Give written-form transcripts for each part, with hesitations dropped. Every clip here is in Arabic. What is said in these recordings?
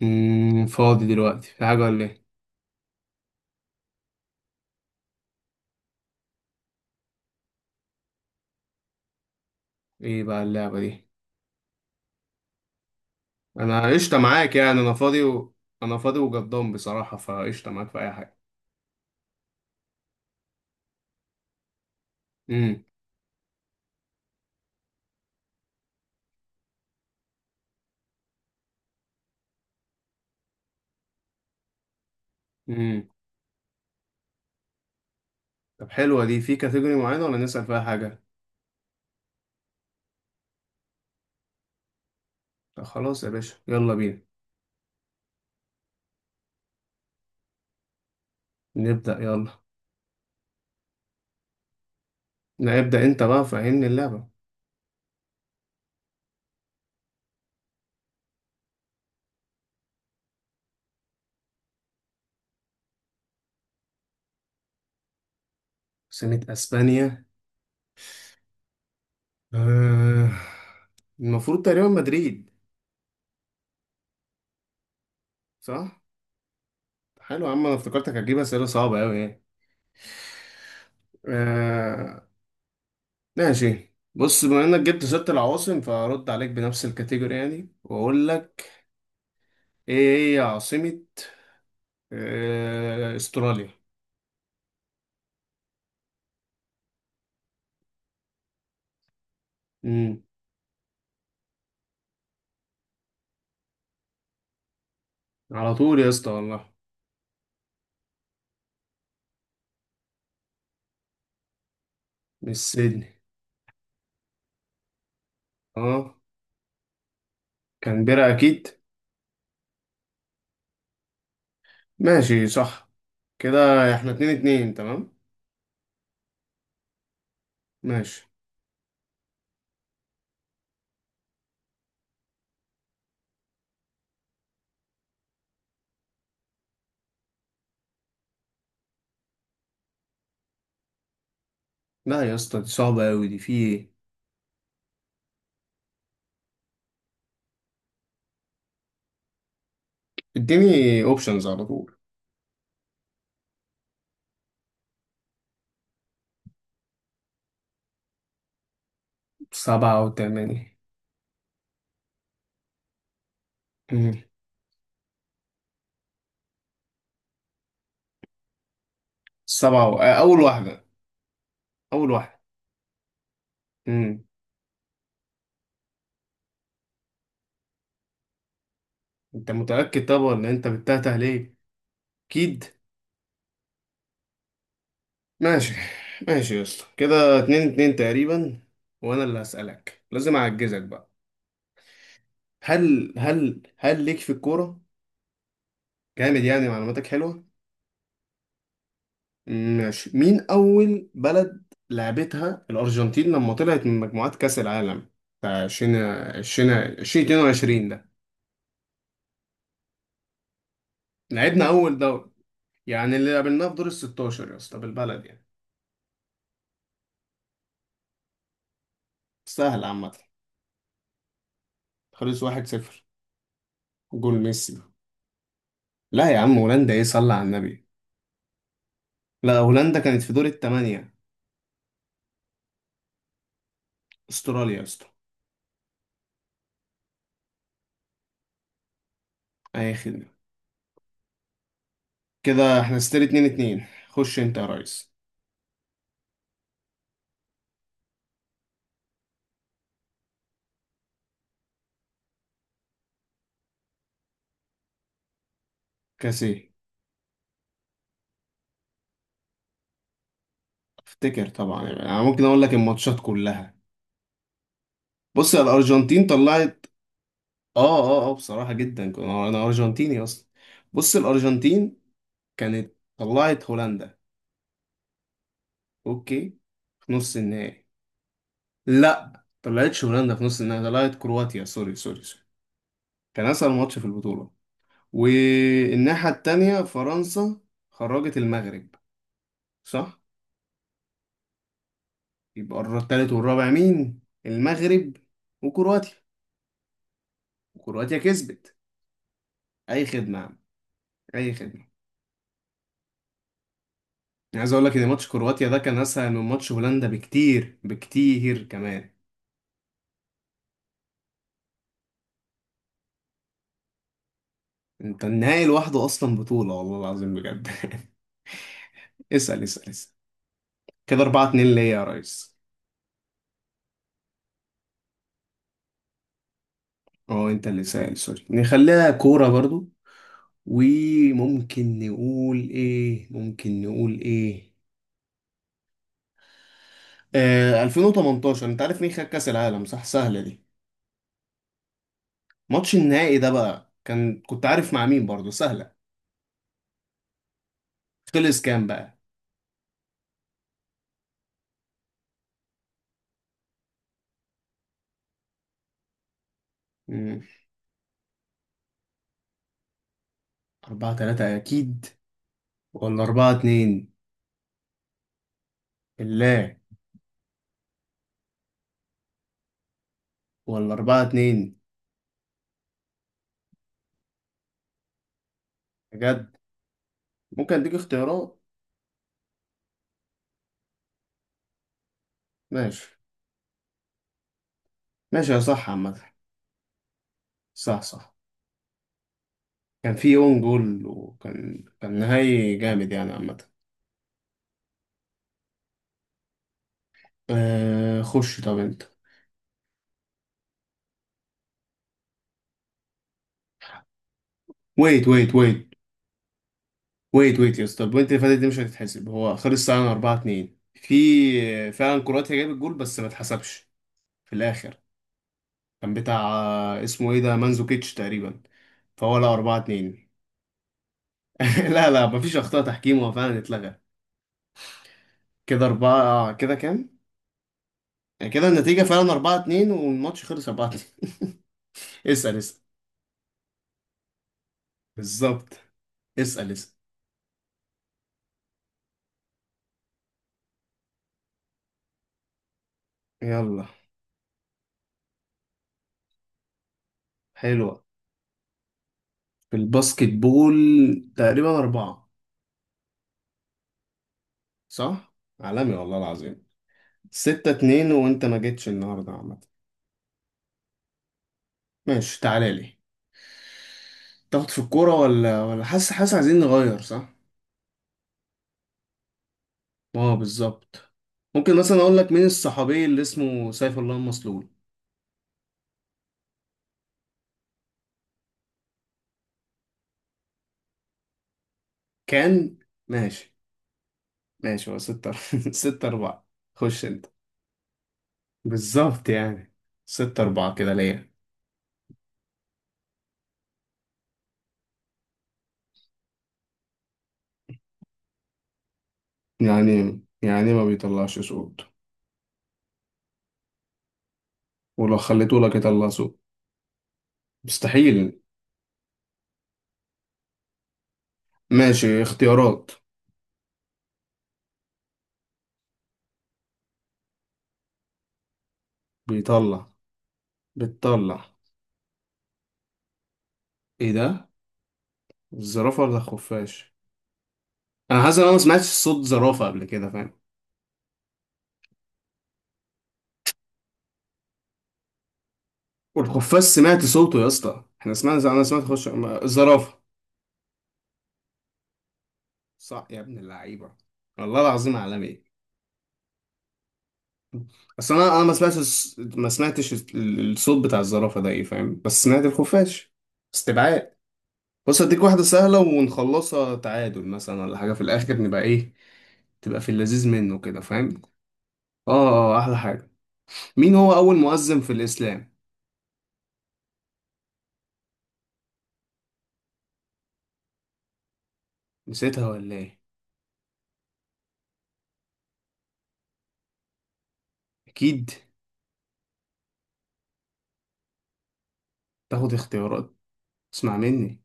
مم، فاضي دلوقتي في حاجة ولا ايه؟ ايه بقى اللعبة دي؟ انا قشطة معاك يعني انا فاضي انا فاضي وجدان بصراحة فقشطة معاك في اي حاجة. امم. امم. طب حلوة دي في كاتيجوري معينة ولا نسأل فيها حاجة؟ طب خلاص يا باشا يلا بينا. نبدأ يلا. لا ابدأ انت بقى فهمني اللعبة. سنة اسبانيا، آه، المفروض تقريبا مدريد. صح؟ حلو يا عم انا افتكرتك هتجيب اسئلة صعبة اوي يعني. آه، ماشي، بص بما انك جبت ست العواصم فارد عليك بنفس الكاتيجوري يعني، واقول لك ايه هي عاصمة استراليا. امم. على طول يا اسطى والله. مش سيدني. اه، كانبيرا اكيد. ماشي صح، كده احنا اتنين اتنين تمام. ماشي. لا يا اسطى دي صعبة اوي، دي في ايه. اديني اوبشنز على طول. سبعة وتمانية. امم. سبعة و... آه، اول واحدة، اول واحدة. امم. انت متأكد؟ طب ولا انت بتتهته ليه؟ اكيد. ماشي، ماشي يا اسطى، كده اتنين اتنين تقريبا. وانا اللي هسألك لازم اعجزك بقى. هل ليك في الكورة؟ جامد يعني، معلوماتك حلوة. ماشي، مين اول بلد لعبتها الارجنتين لما طلعت من مجموعات كأس العالم بتاع 20 20 2022 ده؟ لعبنا اول دوري، يعني اللي قابلناه في دور ال 16 يا اسطى، بالبلد يعني. سهل عامة. خلص 1-0، جول ميسي. لا يا عم هولندا ايه، صلى على النبي. لا هولندا كانت في دور الثمانية. استراليا يا اسطى. اي خدمة. كده احنا ستيل اتنين اتنين، خش انت يا ريس. كاس ايه؟ افتكر طبعا، يعني انا ممكن اقول لك الماتشات كلها. بص، يا الارجنتين طلعت. اه اه اه، بصراحة جدا أنا ارجنتيني اصلا. بص، الارجنتين كانت طلعت هولندا، اوكي، في نص النهائي. لا طلعتش هولندا في نص النهائي، طلعت كرواتيا، سوري سوري سوري. كان اسهل ماتش في البطولة. والناحية التانية فرنسا خرجت المغرب، صح؟ يبقى التالت والرابع مين؟ المغرب وكرواتيا. وكرواتيا كسبت. اي خدمه يا عم، اي خدمه. أنا عايز اقول لك ان ماتش كرواتيا ده كان اسهل من ماتش هولندا بكتير بكتير كمان. انت النهائي لوحده اصلا بطوله، والله العظيم بجد. اسال اسال اسال، كده 4 2 ليا يا ريس. اه انت اللي سائل، سوري، نخليها كوره برضو. وممكن نقول ايه، ممكن نقول ايه؟ 2018 انت عارف مين خد كاس العالم؟ صح، سهله دي. ماتش النهائي ده بقى كان، كنت عارف مع مين؟ برضه سهلة. خلص كام بقى؟ مم. أربعة تلاتة أكيد، ولا أربعة اتنين؟ بالله. ولا أربعة اتنين؟ بجد؟ ممكن أديك اختيارات؟ ماشي. ماشي يا، صح عامة. صح صح. كان في اون جول، وكان نهائي جامد يعني عامة. خش طب أنت. ويت ويت ويت، ويت ويت يا اسطى، البوينت اللي فاتت دي مش هتتحسب. هو خلص ساعة 4 2، في فعلا كرواتيا جابت جول بس ما اتحسبش في الآخر. كان بتاع اسمه ايه ده، مانزوكيتش تقريبا. فهو لا، أربعة اتنين. لا لا، مفيش أخطاء تحكيم، هو فعلا اتلغى. كده أربعة، كده كام؟ يعني كده النتيجة فعلا أربعة اتنين، والماتش خلص أربعة اتنين. اسأل اسأل. بالظبط. اسأل اسأل. يلا. حلوة. في الباسكت بول تقريبا أربعة. صح؟ عالمي والله العظيم. ستة اتنين، وأنت ما جيتش النهاردة عامة. ماشي تعالى لي. تاخد في الكورة ولا حاسس، حاسس عايزين نغير، صح؟ اه بالظبط. ممكن مثلا اقول لك مين الصحابي اللي اسمه سيف الله المسلول؟ كان. ماشي ماشي، هو ستة ستة أربعة. خش انت. بالظبط يعني، ستة أربعة كده ليا. يعني ما بيطلعش صوت. ولو خليته لك يطلع صوت، مستحيل. ماشي، اختيارات. بيطلع. بتطلع. ايه ده، الزرافة ولا الخفاش؟ انا حاسس ان انا ما سمعتش صوت زرافة قبل كده، فاهم. والخفاش سمعت صوته يا اسطى، احنا سمعنا، انا سمعت، خش. الزرافة. صح يا ابن اللعيبة، والله العظيم عالمي. اصل انا ما سمعتش الس- ما سمعتش ال- الصوت بتاع الزرافة ده ايه، فاهم، بس سمعت الخفاش. استبعاد. بص اديك واحدة سهلة ونخلصها تعادل مثلا ولا حاجة، في الاخر نبقى ايه، تبقى في اللذيذ منه كده، فاهم. اه اه، احلى حاجة. مين هو اول مؤذن في الاسلام؟ نسيتها ولا ايه؟ اكيد. تاخد اختيارات؟ اسمع مني.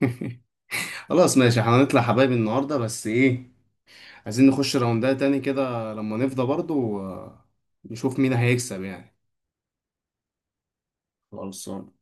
خلاص ماشي، احنا هنطلع حبايب النهاردة، بس ايه، عايزين نخش راوندات تاني كده لما نفضى برضو، نشوف مين هيكسب يعني. خلصان.